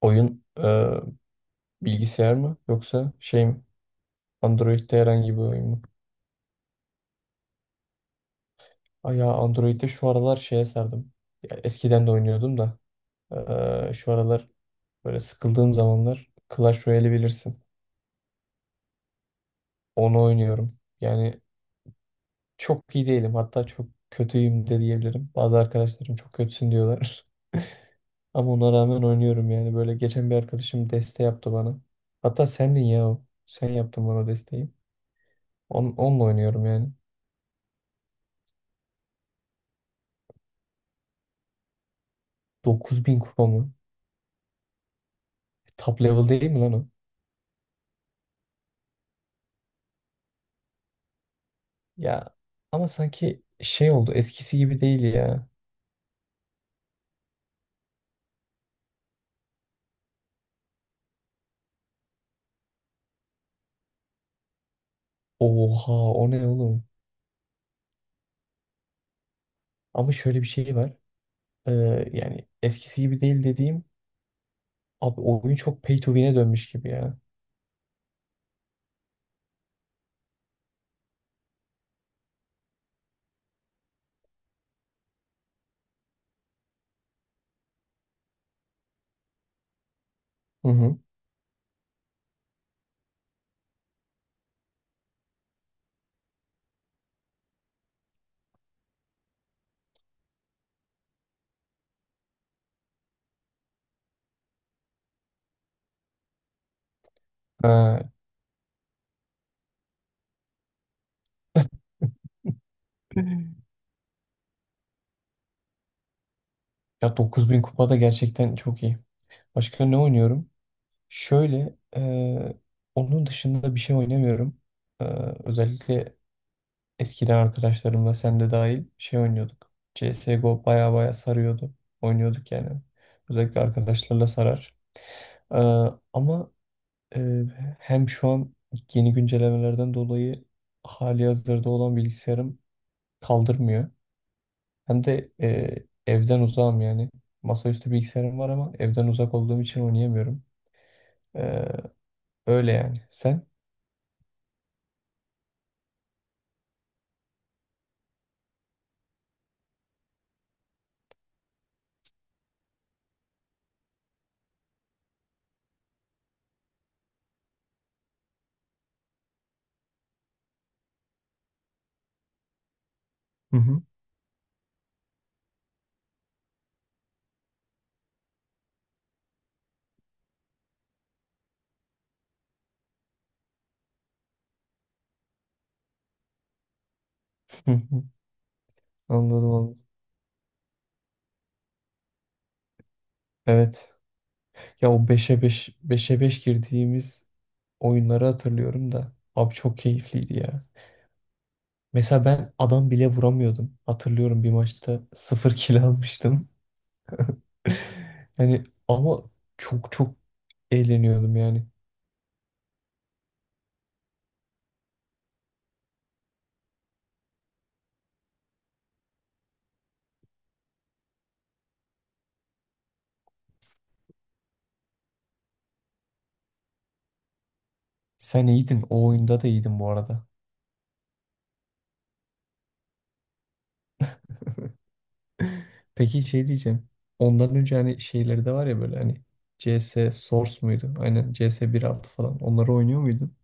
Oyun bilgisayar mı yoksa şey mi? Android'de herhangi bir oyun mu? Ay ya Android'de şu aralar şeye sardım. Ya eskiden de oynuyordum da şu aralar böyle sıkıldığım zamanlar Clash Royale'i bilirsin. Onu oynuyorum. Yani çok iyi değilim, hatta çok kötüyüm de diyebilirim. Bazı arkadaşlarım çok kötüsün diyorlar. Ama ona rağmen oynuyorum yani. Böyle geçen bir arkadaşım deste yaptı bana. Hatta sendin ya o. Sen yaptın bana desteği. Onunla oynuyorum yani. 9000 kupa mı? Top level değil mi lan o? Ya ama sanki şey oldu, eskisi gibi değil ya. Oha o ne oğlum? Ama şöyle bir şey var. Ee, yani eskisi gibi değil dediğim, abi oyun çok pay to win'e dönmüş gibi ya. Hı hı. Ha. Ya 9000 kupa da gerçekten çok iyi. Başka ne oynuyorum? Şöyle onun dışında bir şey oynamıyorum. Özellikle eskiden arkadaşlarımla sen de dahil şey oynuyorduk. CSGO baya baya sarıyordu. Oynuyorduk yani. Özellikle arkadaşlarla sarar. Ama hem şu an yeni güncellemelerden dolayı hali hazırda olan bilgisayarım kaldırmıyor. Hem de evden uzağım yani. Masaüstü bilgisayarım var ama evden uzak olduğum için oynayamıyorum. E, öyle yani. Sen? Hı hı. Anladım anladım. Evet. Ya o beşe 5 beşe 5 girdiğimiz oyunları hatırlıyorum da. Abi çok keyifliydi ya. Mesela ben adam bile vuramıyordum. Hatırlıyorum, bir maçta sıfır kill almıştım. Yani ama çok çok eğleniyordum yani. Sen iyiydin. O oyunda da iyiydin bu arada. Peki şey diyeceğim. Ondan önce hani şeyleri de var ya, böyle hani CS Source muydu? Aynen, CS 1.6 falan. Onları oynuyor muydun?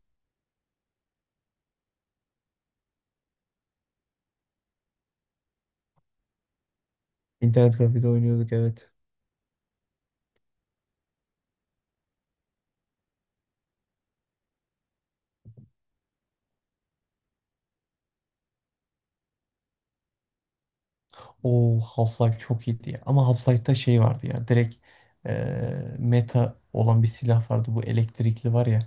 İnternet kafede oynuyorduk, evet. O Half-Life çok iyiydi ya. Ama Half-Life'da şey vardı ya. Direkt meta olan bir silah vardı. Bu elektrikli var ya.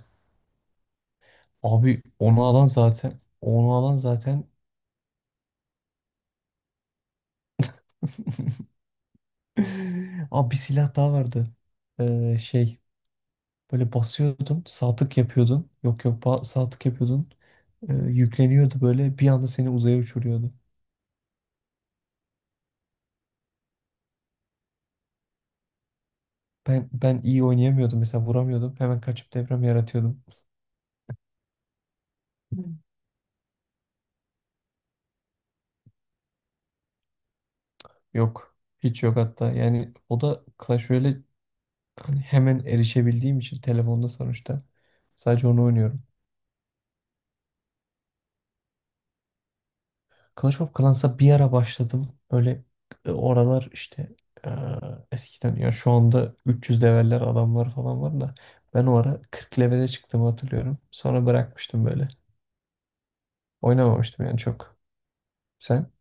Abi onu alan zaten. Abi bir silah daha vardı. Şey, böyle basıyordun. Sağ tık yapıyordun. Yok yok, sağ tık yapıyordun. Yükleniyordu, böyle bir anda seni uzaya uçuruyordu. Ben iyi oynayamıyordum, mesela vuramıyordum. Hemen kaçıp deprem yaratıyordum. Hı. Yok. Hiç yok hatta. Yani o da Clash Royale, hani hemen erişebildiğim için telefonda sonuçta sadece onu oynuyorum. Clash of Clans'a bir ara başladım. Böyle oralar işte e, eskiden, ya şu anda 300 leveller adamlar falan var da ben o ara 40 levele çıktığımı hatırlıyorum. Sonra bırakmıştım böyle. Oynamamıştım yani çok. Sen?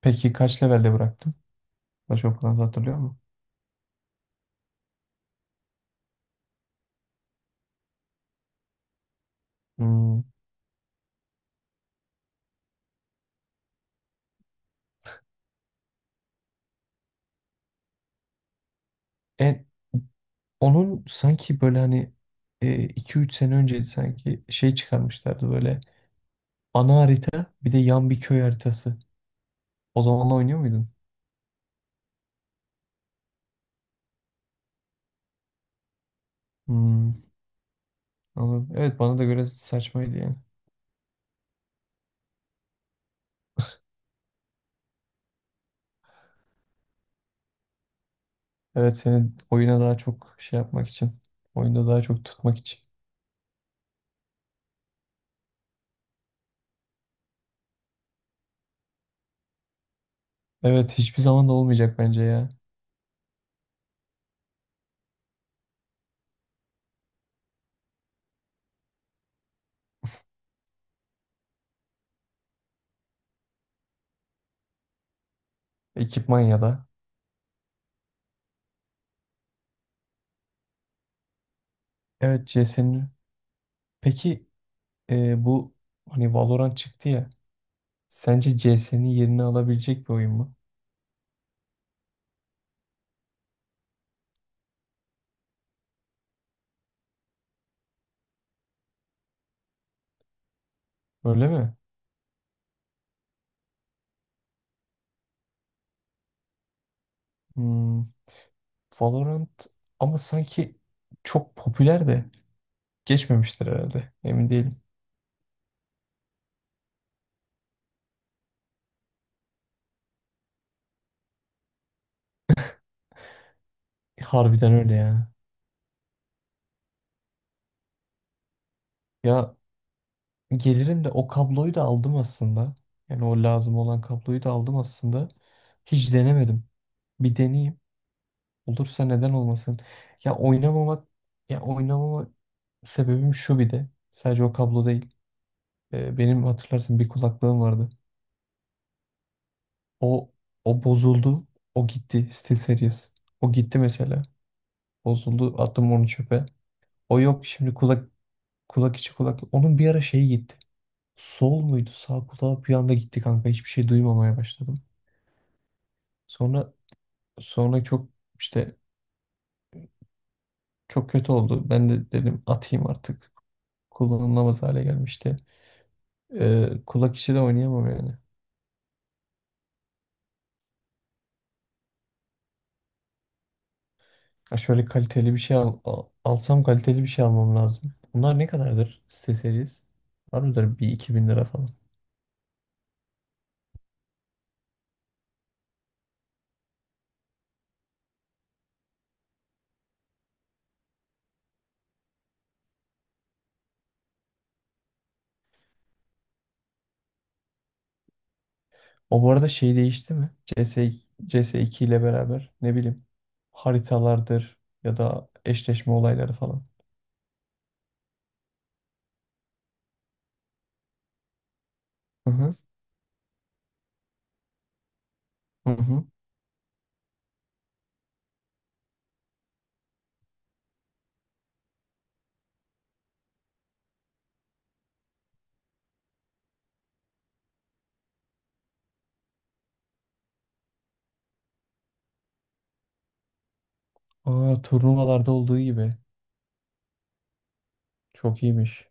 Peki kaç levelde bıraktın? Başokulunu hatırlıyor musun? Hmm. E, onun sanki böyle hani 2-3 sene önce sanki şey çıkarmışlardı, böyle ana harita bir de yan bir köy haritası. O zamanla oynuyor muydun? Hmm, anladım. Evet bana da göre saçmaydı yani. Evet, seni oyuna daha çok şey yapmak için. Oyunda daha çok tutmak için. Evet, hiçbir zaman da olmayacak bence ya. Ekipman ya da. Evet, CS'nin. Peki bu hani Valorant çıktı ya. Sence CS'nin yerini alabilecek bir oyun mu? Öyle mi? Hmm, Valorant ama sanki çok popüler de geçmemiştir herhalde. Emin değilim. Harbiden öyle ya. Ya gelirim de o kabloyu da aldım aslında. Yani o lazım olan kabloyu da aldım aslında. Hiç denemedim. Bir deneyeyim. Olursa neden olmasın. Ya oynamamak ya oynamama sebebim şu, bir de. Sadece o kablo değil. Benim hatırlarsın, bir kulaklığım vardı. O o bozuldu. O gitti. SteelSeries. O gitti mesela. Bozuldu. Attım onu çöpe. O yok. Şimdi kulak içi kulaklık. Onun bir ara şeyi gitti. Sol muydu? Sağ kulağı bir anda gitti kanka. Hiçbir şey duymamaya başladım. Sonra sonra çok işte çok kötü oldu. Ben de dedim atayım artık. Kullanılamaz hale gelmişti. Kulak içi de oynayamam yani. Ha şöyle kaliteli bir şey alsam, kaliteli bir şey almam lazım. Bunlar ne kadardır SteelSeries? Var mıdır bir 2.000 lira falan? O bu arada şey değişti mi? CS, CS2 ile beraber ne bileyim, haritalardır ya da eşleşme olayları falan. Hı hı. Hı hı. Aa, turnuvalarda olduğu gibi. Çok iyiymiş.